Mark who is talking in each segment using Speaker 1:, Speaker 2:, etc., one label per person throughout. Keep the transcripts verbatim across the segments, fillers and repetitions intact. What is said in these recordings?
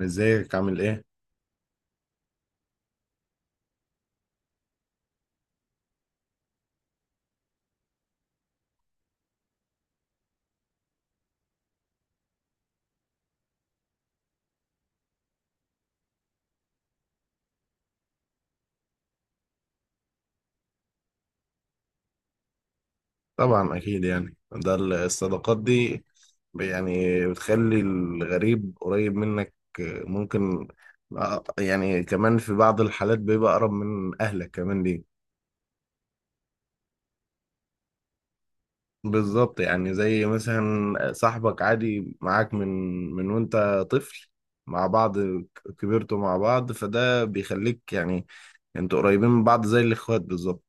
Speaker 1: ازيك؟ عامل ايه؟ طبعا اكيد، يعني ده ال- الصداقات دي ب- يعني بتخلي الغريب قريب منك. آه، ممكن. آه، يعني كمان في بعض الحالات بيبقى اقرب من اهلك كمان ليه. بالظبط، يعني زي مثلا صاحبك عادي معاك من من وانت طفل، مع بعض كبرتوا مع بعض، فده بيخليك يعني انتوا قريبين من بعض زي الاخوات بالظبط.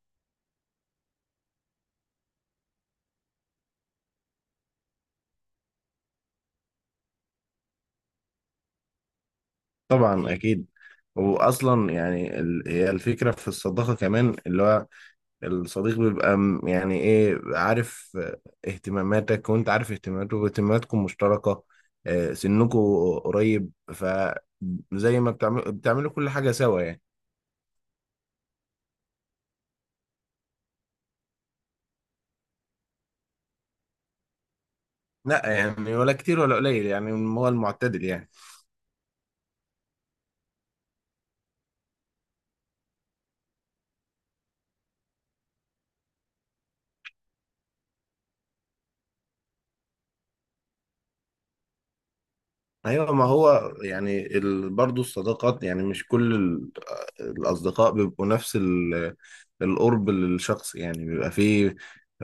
Speaker 1: طبعا اكيد. واصلا يعني ال- هي الفكره في الصداقه كمان اللي هو الصديق بيبقى م- يعني ايه، عارف اهتماماتك وانت عارف اهتماماته واهتماماتكم مشتركة، آه، سنكم قريب، فزي ما بتعمل بتعملوا كل حاجة سوا يعني. لا يعني، ولا كتير ولا قليل يعني، هو المعتدل يعني. ايوه، ما هو يعني ال... برضه الصداقات يعني مش كل ال... الاصدقاء بيبقوا نفس ال... القرب للشخص، يعني بيبقى فيه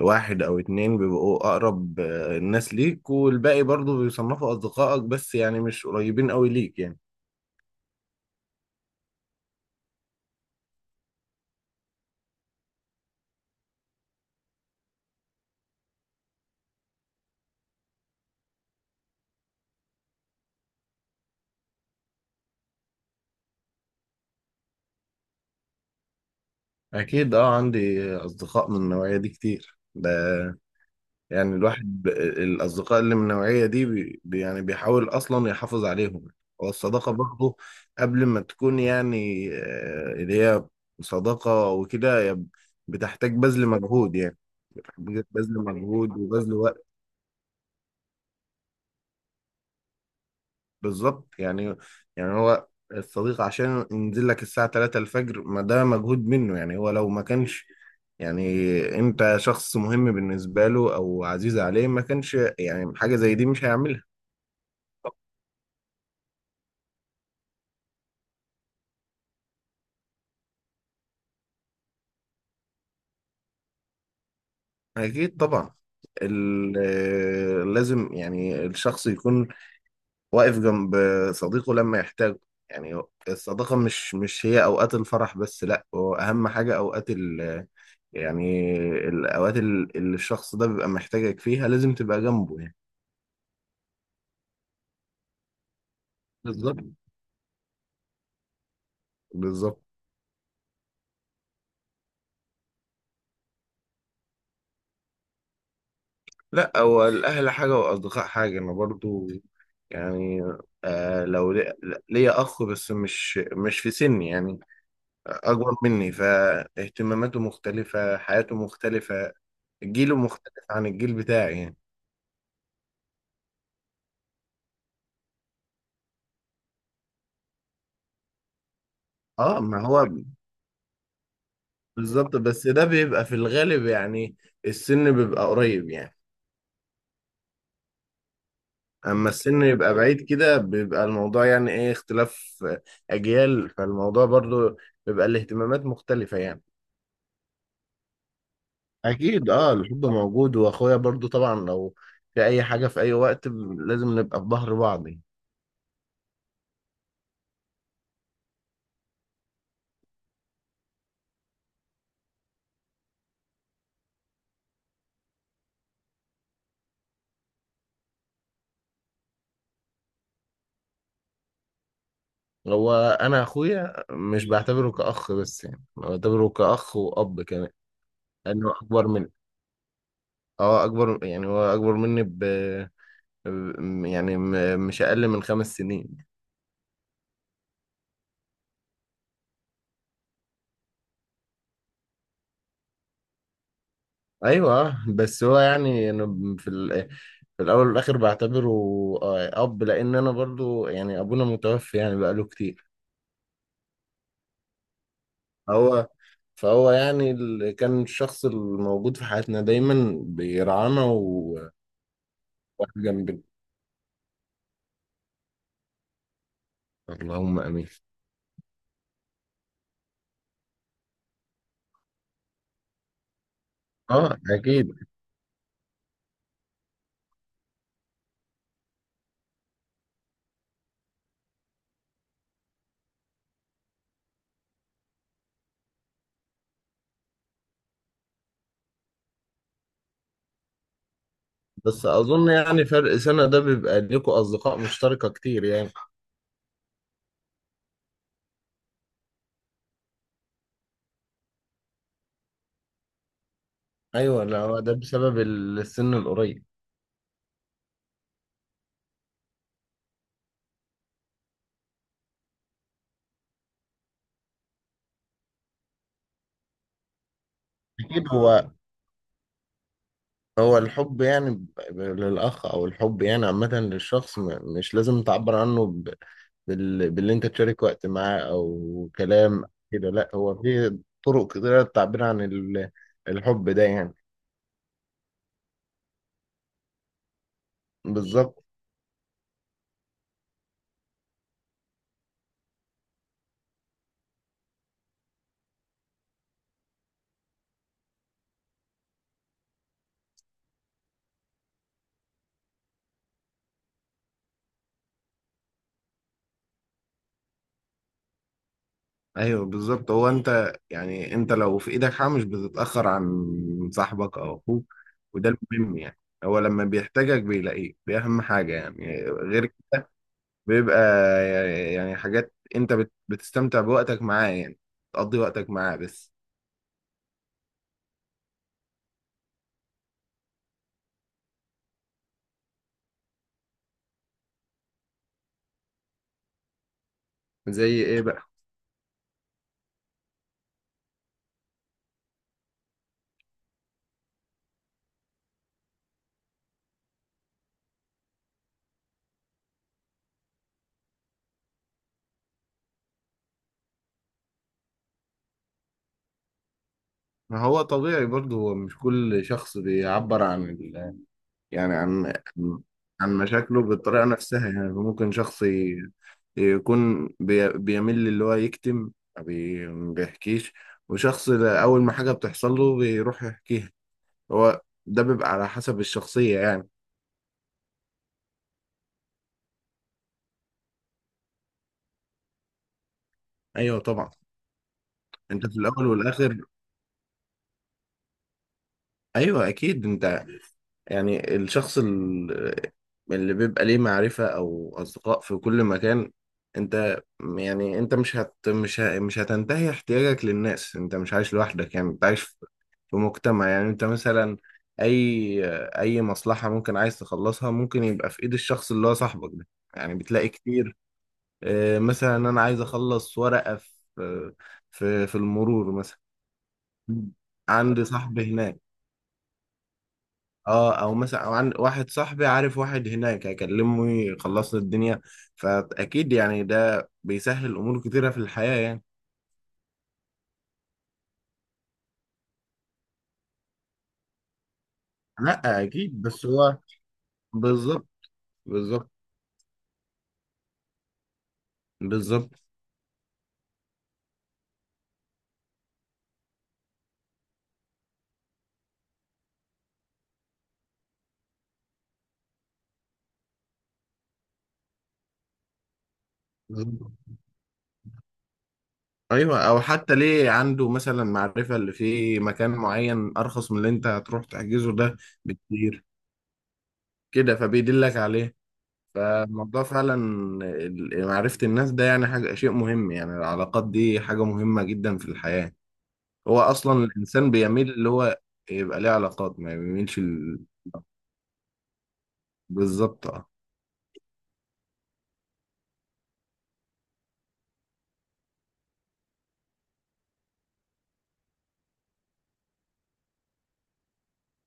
Speaker 1: واحد او اتنين بيبقوا اقرب آه، الناس ليك، والباقي برضه بيصنفوا اصدقائك، بس يعني مش قريبين قوي ليك يعني. اكيد، اه، عندي اصدقاء من النوعية دي كتير. ده يعني الواحد، ب- الأصدقاء اللي من النوعية دي بي بي- يعني بيحاول أصلا يحافظ عليهم. هو الصداقة برضه قبل ما تكون يعني آه، اللي هي صداقة وكده، هي بتحتاج بذل مجهود يعني، بتحتاج بذل مجهود وبذل وقت. بالظبط يعني. يعني هو الصديق عشان ينزل لك الساعة ثلاثة الفجر، ما ده مجهود منه يعني. هو لو ما كانش يعني انت شخص مهم بالنسبة له او عزيز عليه، ما كانش يعني حاجة زي دي مش هيعملها. أكيد طبعا. ال- آه، لازم يعني الشخص يكون واقف جنب صديقه لما يحتاجه يعني. الصداقة مش مش هي أوقات الفرح بس، لأ، هو أهم حاجة أوقات ال يعني الأوقات ال- اللي الشخص ده بيبقى محتاجك فيها لازم تبقى جنبه يعني. بالظبط، بالظبط. لأ، هو الأهل حاجة والأصدقاء حاجة. أنا برضو يعني، آه لو لي- ليا أخ بس مش مش في سني يعني، أكبر مني، فاهتماماته مختلفة، حياته مختلفة، جيله مختلف عن الجيل بتاعي يعني. اه، ما هو بالظبط، بس ده بيبقى في الغالب يعني السن بيبقى قريب يعني. أما السن يبقى بعيد كده بيبقى الموضوع يعني إيه، اختلاف أجيال، فالموضوع برضو بيبقى الاهتمامات مختلفة يعني. أكيد، اه، الحب موجود، وأخويا برضو طبعا لو في أي حاجة في أي وقت ب- لازم نبقى في ظهر بعض. هو انا اخويا مش بعتبره كاخ بس، يعني أنا بعتبره كاخ واب كمان، لانه اكبر مني. اه، اكبر، يعني هو اكبر مني ب ب- يعني م- مش اقل من خمس سنين. ايوه، آه، بس هو يعني انا في ال... في الاول والاخر بعتبره آه، اب لان انا برضو يعني ابونا متوفي يعني بقاله كتير. هو فهو يعني ال... كان الشخص الموجود في حياتنا دايما بيرعانا و- وواقف جنبنا. اللهم امين. اه اكيد. بس اظن يعني فرق سنة ده بيبقى ليكوا اصدقاء مشتركة كتير يعني. ايوه، لا، هو ده بسبب ال- السن القريب. اكيد. هو هو الحب يعني ب- ب- للاخ او الحب يعني عامة للشخص، م- مش لازم تعبر عنه ب- بال- باللي انت تشارك وقت معاه او كلام كده، لا هو في طرق كتيرة للتعبير عن ال- الحب ده يعني. بالظبط. ايوه بالظبط، هو انت يعني انت لو في ايدك حاجه مش بتتاخر عن صاحبك او اخوك، وده المهم يعني، هو لما بيحتاجك بيلاقيك دي اهم حاجه يعني، غير كده بيبقى يعني حاجات انت بت- بتستمتع بوقتك معاه يعني، تقضي وقتك معاه بس. زي ايه بقى؟ ما هو طبيعي برضه، هو مش كل شخص بيعبر عن، يعني عن عن مشاكله بالطريقة نفسها يعني. ممكن شخص ي- يكون بي- بيميل اللي هو يكتم، ما بي- ما بيحكيش، وشخص لا- أول ما حاجة بتحصل له بيروح يحكيها. هو ده بيبقى على حسب الشخصية يعني. أيوه طبعا. أنت في الأول والآخر، أيوه أكيد، أنت يعني الشخص ال- اللي بيبقى ليه معرفة أو أصدقاء في كل مكان، أنت يعني أنت مش هت مش ه... مش هتنتهي احتياجك للناس، أنت مش عايش لوحدك يعني، أنت عايش في في مجتمع يعني. أنت مثلا أي أي مصلحة ممكن عايز تخلصها ممكن يبقى في إيد الشخص اللي هو صاحبك ده، يعني بتلاقي كتير. آه، مثلا أنا عايز أخلص ورقة في في في المرور مثلا، عندي صاحبي هناك. اه، او مثلا، او عن واحد صاحبي عارف واحد هناك، هكلمه يخلص لي الدنيا. فاكيد يعني ده بيسهل امور كتيره في الحياه يعني. لا اكيد، بس هو، بالظبط بالظبط بالظبط بالظبط. ايوه، او حتى ليه عنده مثلا معرفه اللي في مكان معين ارخص من اللي انت هتروح تحجزه ده بكتير، كده فبيدلك عليه. فالموضوع فعلا ال- معرفه الناس ده يعني حاجه شيء مهم يعني، العلاقات دي حاجه مهمه جدا في الحياه. هو اصلا الانسان بيميل اللي هو يبقى ليه علاقات، ما بيميلش ال... بالظبط اه.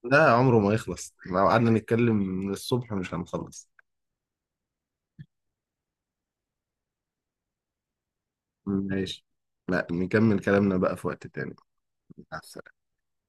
Speaker 1: لا عمره ما يخلص، لو قعدنا نتكلم من الصبح مش هنخلص. ماشي. لا نكمل كلامنا بقى في وقت تاني. مع السلامة.